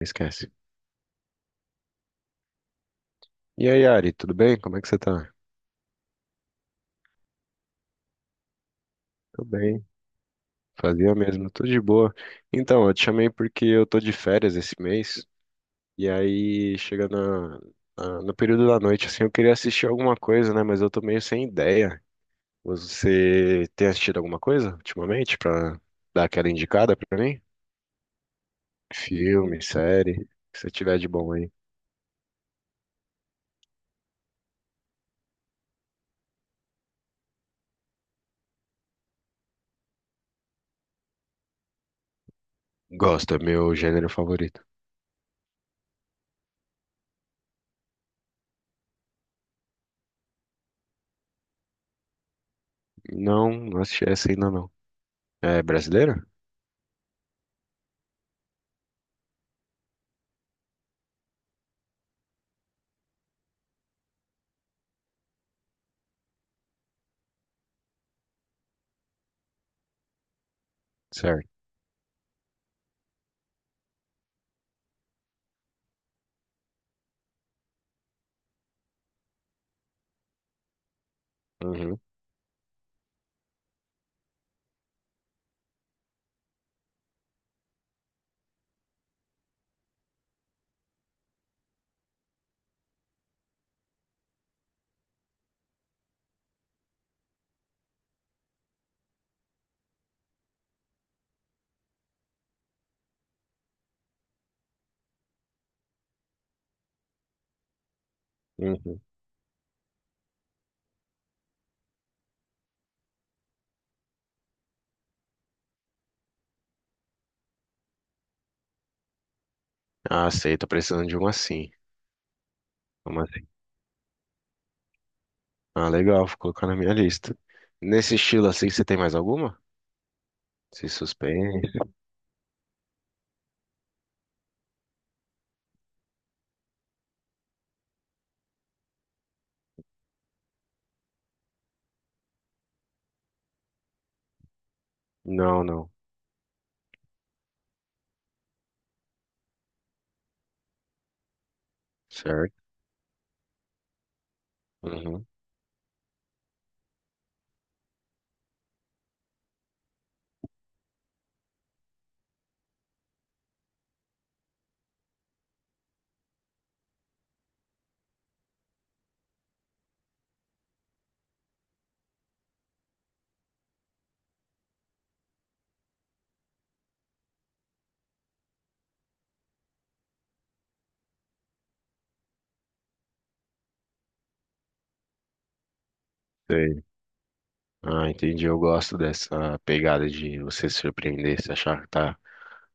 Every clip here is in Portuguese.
Esquece. E aí, Ari, tudo bem? Como é que você tá? Tudo bem. Fazia mesmo, tudo de boa. Então, eu te chamei porque eu tô de férias esse mês, e aí chega no período da noite, assim, eu queria assistir alguma coisa, né? Mas eu tô meio sem ideia. Você tem assistido alguma coisa ultimamente pra dar aquela indicada pra mim? Filme, série, o que você tiver de bom aí. Gosto, é meu gênero favorito. Não, não assisti essa ainda não. É brasileira? Certo. Uhum. Uhum. Ah, sei, tô precisando de uma sim. Uma sim. Ah, legal, vou colocar na minha lista. Nesse estilo assim, você tem mais alguma? Se suspense? Não, não. Certo? Uhum. Sei. Ah, entendi. Eu gosto dessa pegada de você se surpreender, se achar que tá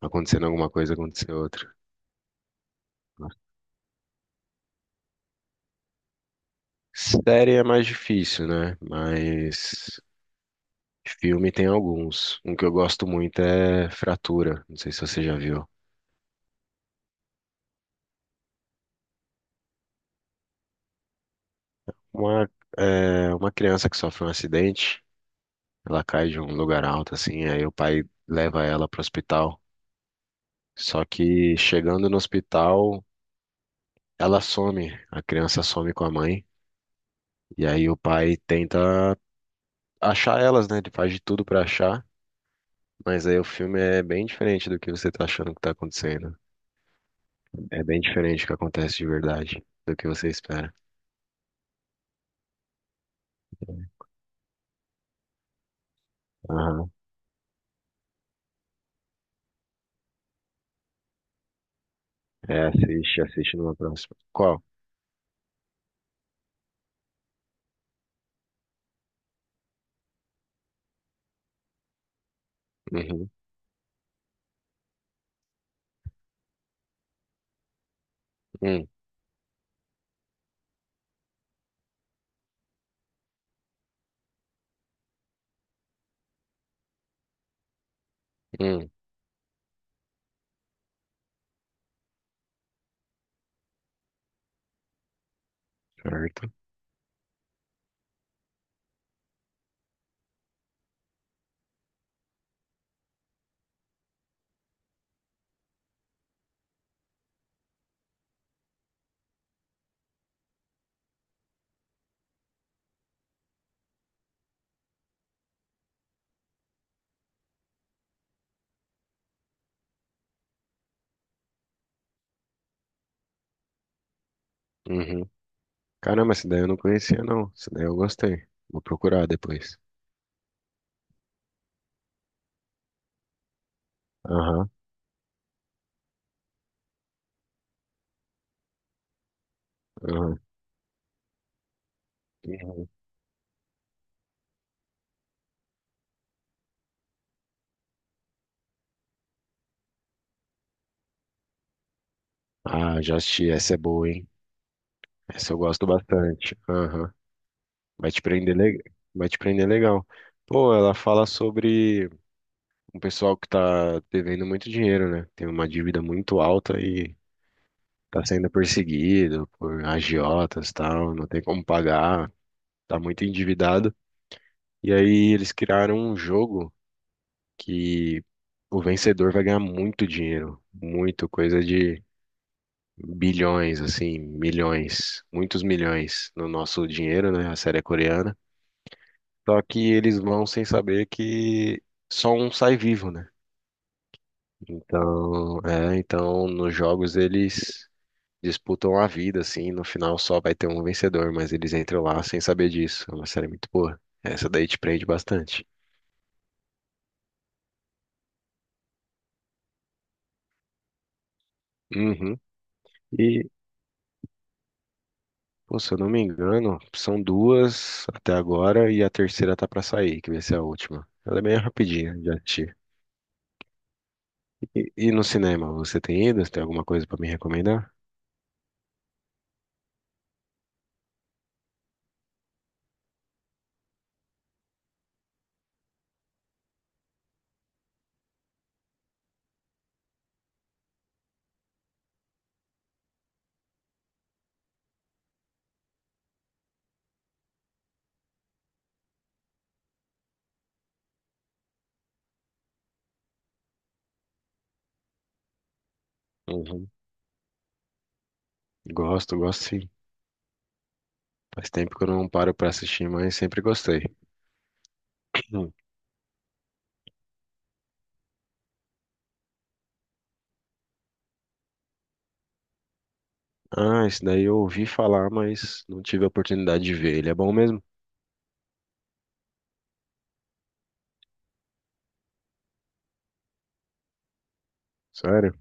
acontecendo alguma coisa, acontecer outra. Série é mais difícil, né? Mas filme tem alguns. Um que eu gosto muito é Fratura. Não sei se você já viu. Uma, uma criança que sofre um acidente. Ela cai de um lugar alto, assim, aí o pai leva ela pro hospital. Só que chegando no hospital, ela some, a criança some com a mãe, e aí o pai tenta achar elas, né? Ele faz de tudo pra achar, mas aí o filme é bem diferente do que você tá achando que tá acontecendo. É bem diferente do que acontece de verdade, do que você espera. Aham. Assiste, assiste numa próxima. Qual? Uhum. Hum, hum, certo. Uhum. Caramba, essa daí eu não conhecia, não. Essa daí eu gostei. Vou procurar depois. Aham, aham. Uhum. Ah, já assisti. Essa é boa, hein? Essa eu gosto bastante. Aham. Vai te prender, le... Vai te prender legal. Pô, ela fala sobre um pessoal que tá devendo muito dinheiro, né? Tem uma dívida muito alta e tá sendo perseguido por agiotas e tal, não tem como pagar, tá muito endividado. E aí eles criaram um jogo que o vencedor vai ganhar muito dinheiro, muito coisa de bilhões, assim, milhões, muitos milhões no nosso dinheiro, né? A série é coreana. Só que eles vão sem saber que só um sai vivo, né? Então nos jogos eles disputam a vida, assim, no final só vai ter um vencedor, mas eles entram lá sem saber disso. É uma série muito boa. Essa daí te prende bastante. Uhum. E, Pô, se eu não me engano, são duas até agora e a terceira tá pra sair, que vai ser a última. Ela é meio rapidinha de assistir. E no cinema, você tem ido? Você tem alguma coisa pra me recomendar? Uhum. Gosto, gosto sim. Faz tempo que eu não paro pra assistir, mas sempre gostei. Hum. Ah, esse daí eu ouvi falar, mas não tive a oportunidade de ver. Ele é bom mesmo? Sério?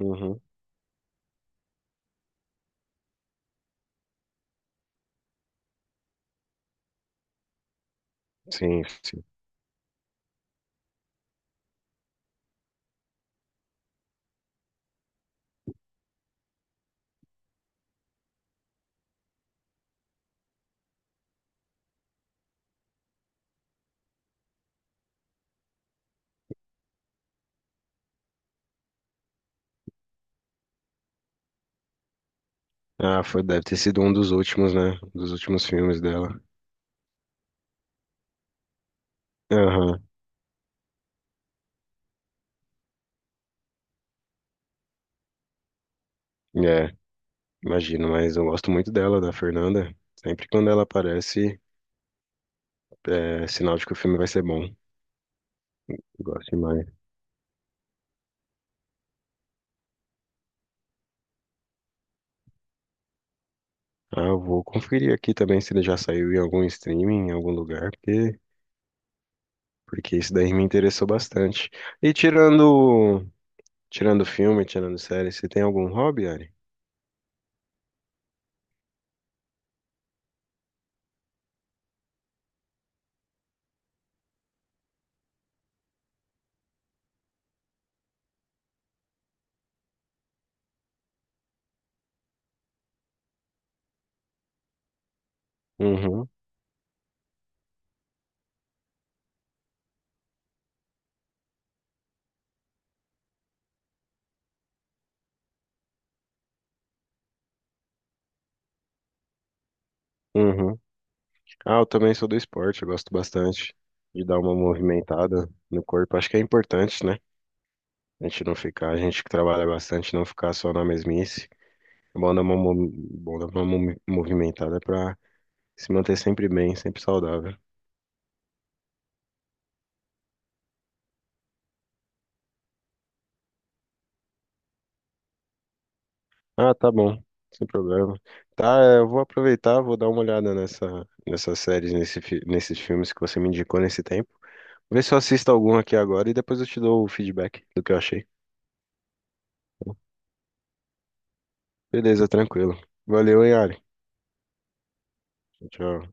Uhum. Sim, sim. Ah, foi, deve ter sido um dos últimos, né? Um dos últimos filmes dela. Aham. É, Imagino, mas eu gosto muito dela, da Fernanda. Sempre quando ela aparece, é sinal de que o filme vai ser bom. Eu gosto demais. Ah, eu vou conferir aqui também se ele já saiu em algum streaming, em algum lugar, porque isso daí me interessou bastante. E tirando, Tirando filme, tirando série, você tem algum hobby, Ari? Uhum, uhum. Ah, eu também sou do esporte, eu gosto bastante de dar uma movimentada no corpo. Acho que é importante, né? A gente que trabalha bastante, não ficar só na mesmice. É bom dar uma, mo- Bom dar uma movimentada pra se manter sempre bem, sempre saudável. Ah, tá bom, sem problema. Eu vou aproveitar, vou dar uma olhada nessas séries, nesses filmes que você me indicou nesse tempo. Vê se eu assisto algum aqui agora e depois eu te dou o feedback do que eu achei. Beleza, tranquilo. Valeu, hein, Ari. Tchau.